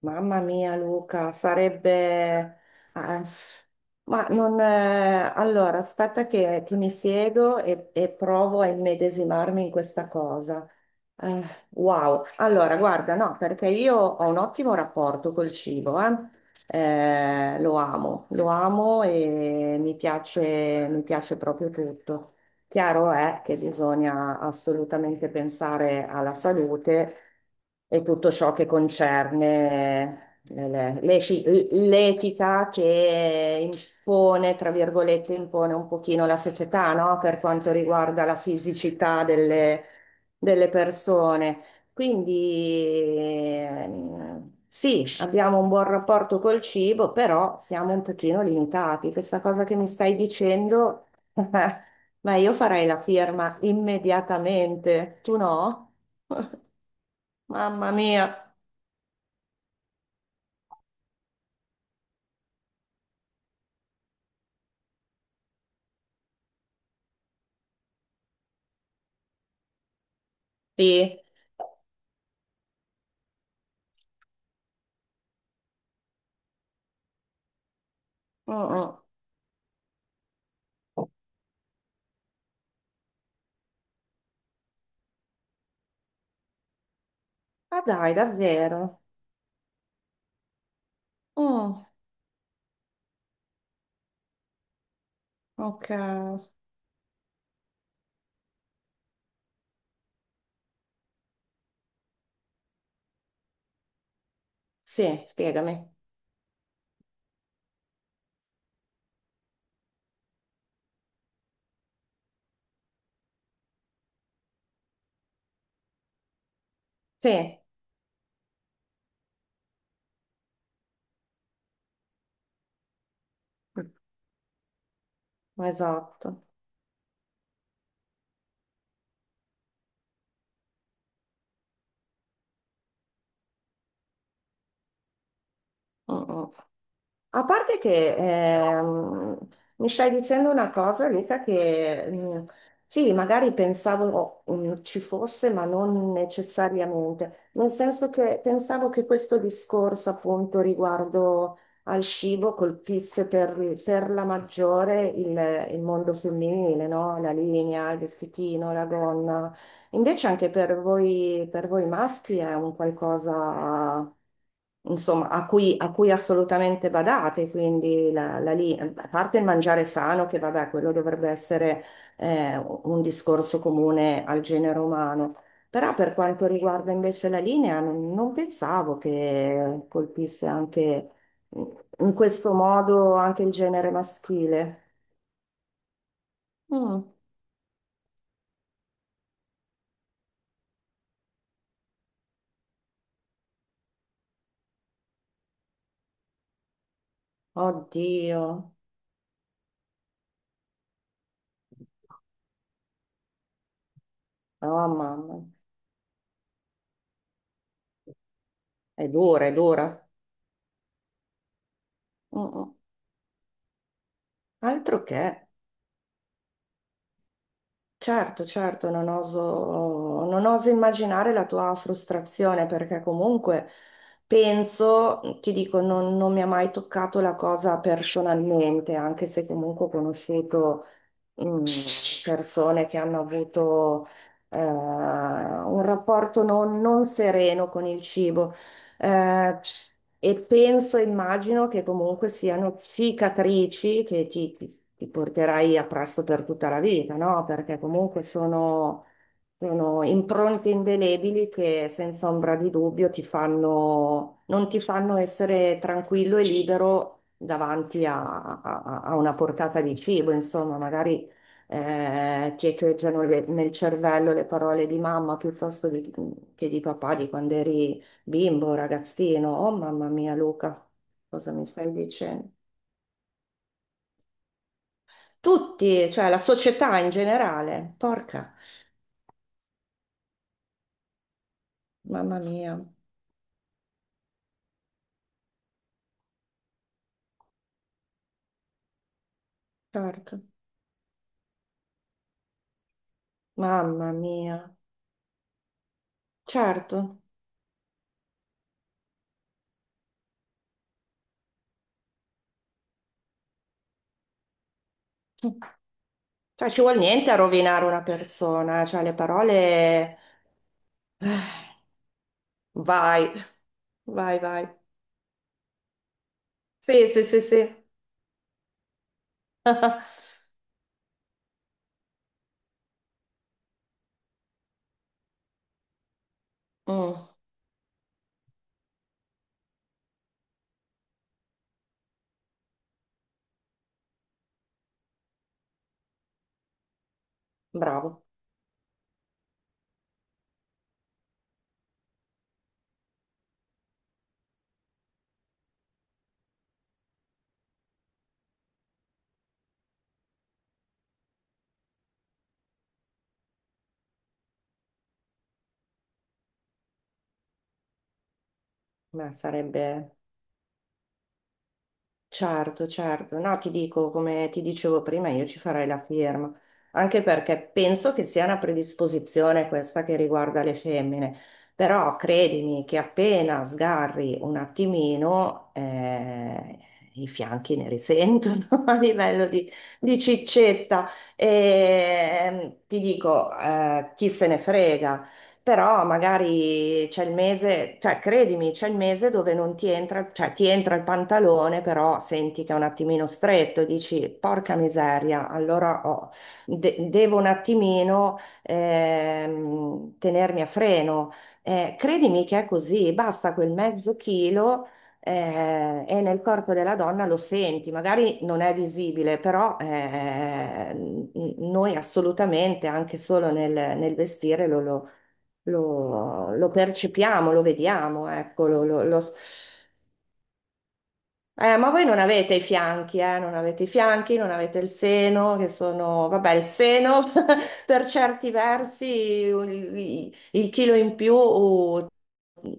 Mamma mia, Luca, sarebbe... ah, ma non... allora, aspetta che mi siedo e provo a immedesimarmi in questa cosa. Eh, wow. Allora, guarda, no, perché io ho un ottimo rapporto col cibo, eh. Lo amo e mi piace proprio tutto. Chiaro è che bisogna assolutamente pensare alla salute e tutto ciò che concerne l'etica che impone, tra virgolette, impone un pochino la società, no? Per quanto riguarda la fisicità delle, delle persone. Quindi sì, abbiamo un buon rapporto col cibo, però siamo un pochino limitati. Questa cosa che mi stai dicendo... Ma io farei la firma immediatamente, tu no? Mamma mia, sì. Mm, mm. Ah dai, davvero? Mm, ok. Sì, spiegami. Sì, esatto. Mm, mm. A parte che mi stai dicendo una cosa, Luca, che sì, magari pensavo ci fosse, ma non necessariamente, nel senso che pensavo che questo discorso appunto riguardo al cibo colpisse per la maggiore il mondo femminile, no? La linea, il vestitino, la gonna. Invece anche per voi maschi è un qualcosa, insomma, a cui assolutamente badate, quindi la, la lì, a parte il mangiare sano, che vabbè, quello dovrebbe essere un discorso comune al genere umano, però per quanto riguarda invece la linea, non, non pensavo che colpisse anche mm, in questo modo anche il genere maschile. Mm. Oddio, oh mamma, è dura, è dura. Mm, mm. Altro che, certo, certo, non oso, non oso immaginare la tua frustrazione perché comunque penso, mhmm, ti dico, non, non mi ha mai toccato la cosa personalmente, anche se comunque ho conosciuto mm, persone che hanno avuto un rapporto non, non sereno con il cibo. Eh, e penso, immagino che comunque siano cicatrici che ti, ti porterai appresso per tutta la vita, no? Perché comunque sono, sono impronte indelebili che senza ombra di dubbio ti fanno, non ti fanno essere tranquillo e libero davanti a, a una portata di cibo, insomma, magari ti echeggiano nel cervello le parole di mamma piuttosto che di papà di quando eri bimbo, ragazzino. Oh mamma mia, Luca, cosa mi stai dicendo? Tutti, cioè la società in generale. Porca, mamma mia, certo, mamma mia, certo. Cioè ci vuol niente a rovinare una persona, cioè le parole... eh, vai, vai, vai. Sì, sì, sì, sì. Mm, bravo, ma sarebbe... Certo, certo. No, ti dico, come ti dicevo prima, io ci farei la firma, anche perché penso che sia una predisposizione questa che riguarda le femmine, però credimi che appena sgarri un attimino, i fianchi ne risentono a livello di ciccetta. E, ti dico, chi se ne frega, però magari c'è il mese, cioè credimi, c'è il mese dove non ti entra, cioè ti entra il pantalone, però senti che è un attimino stretto, e dici porca miseria, allora devo un attimino tenermi a freno. Credimi che è così, basta quel mezzo chilo. Eh, e nel corpo della donna lo senti, magari non è visibile, però noi assolutamente, anche solo nel, nel vestire, lo, lo percepiamo, lo vediamo, ecco, lo s- ma voi non avete i fianchi, non avete i fianchi, non avete il seno, che sono, vabbè, il seno per certi versi, il chilo in più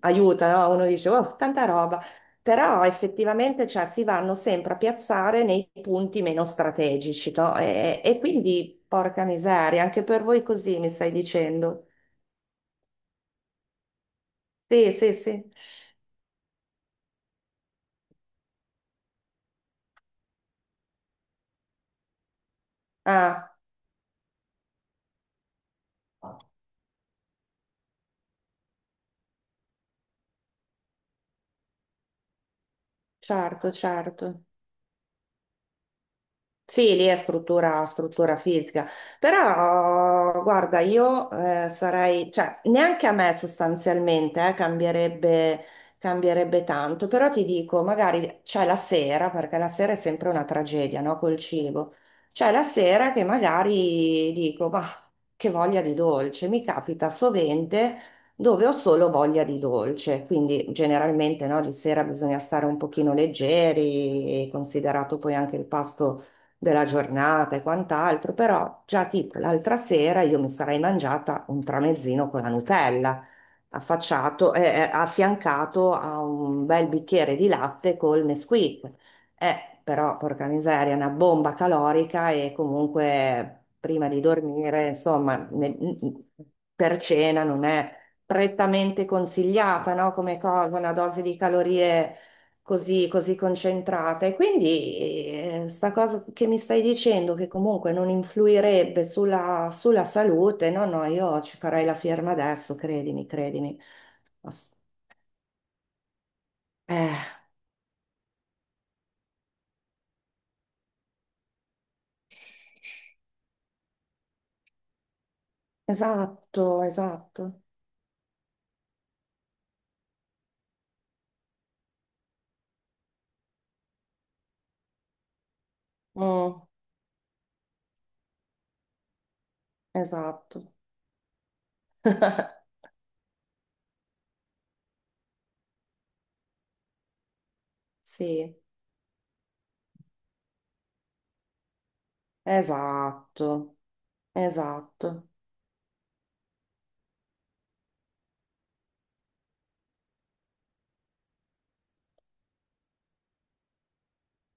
aiuta, no? Uno dice, oh, tanta roba. Però effettivamente cioè, si vanno sempre a piazzare nei punti meno strategici, no? E quindi, porca miseria, anche per voi così mi stai dicendo. Sì, sì, sì. Ah. Certo, certo. Sì, lì è struttura, struttura fisica, però guarda, io sarei, cioè neanche a me sostanzialmente cambierebbe, cambierebbe tanto, però ti dico, magari c'è la sera, perché la sera è sempre una tragedia, no? Col cibo, c'è la sera che magari dico, ma che voglia di dolce, mi capita sovente dove ho solo voglia di dolce, quindi generalmente no, di sera bisogna stare un pochino leggeri, considerato poi anche il pasto della giornata e quant'altro, però già tipo l'altra sera io mi sarei mangiata un tramezzino con la Nutella, affacciato, affiancato a un bel bicchiere di latte col Nesquik. Però, porca miseria, è una bomba calorica e comunque prima di dormire, insomma, per cena non è prettamente consigliata, no? Come cosa, una dose di calorie così, così concentrata. E quindi sta cosa che mi stai dicendo, che comunque non influirebbe sulla, sulla salute, no, no, io ci farei la firma adesso, credimi, credimi. Ass- Eh, esatto, esatto. Mm, esatto, sì, esatto, esatto.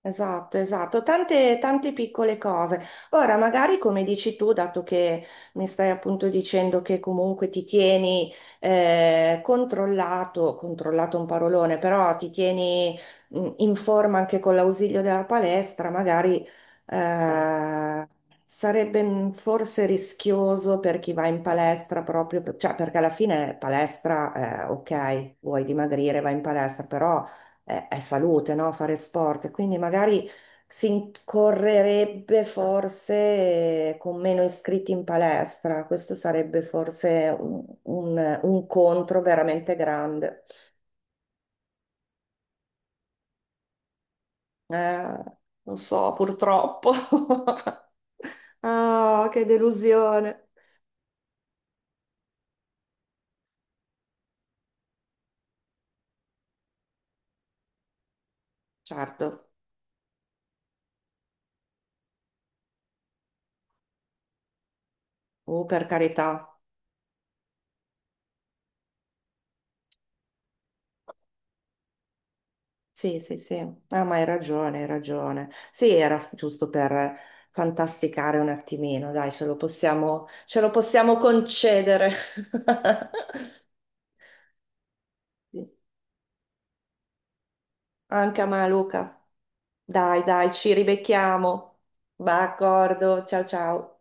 Esatto, esatto, tante, tante piccole cose. Ora, magari come dici tu, dato che mi stai appunto dicendo che comunque ti tieni controllato, controllato è un parolone, però ti tieni in forma anche con l'ausilio della palestra, magari eh, sarebbe forse rischioso per chi va in palestra proprio, cioè perché alla fine palestra, ok, vuoi dimagrire, vai in palestra, però è salute, no? Fare sport, quindi magari si incorrerebbe forse con meno iscritti in palestra, questo sarebbe forse un, un contro veramente grande. Eh, non so, purtroppo. Ah, che delusione. Certo, oh, per carità. Sì, sì, sì, ah, ma hai ragione, hai ragione. Sì, era giusto per fantasticare un attimino, dai, ce lo possiamo concedere. Sì. Anche a me, Luca. Dai, dai, ci ribecchiamo. Va, d'accordo, ciao ciao.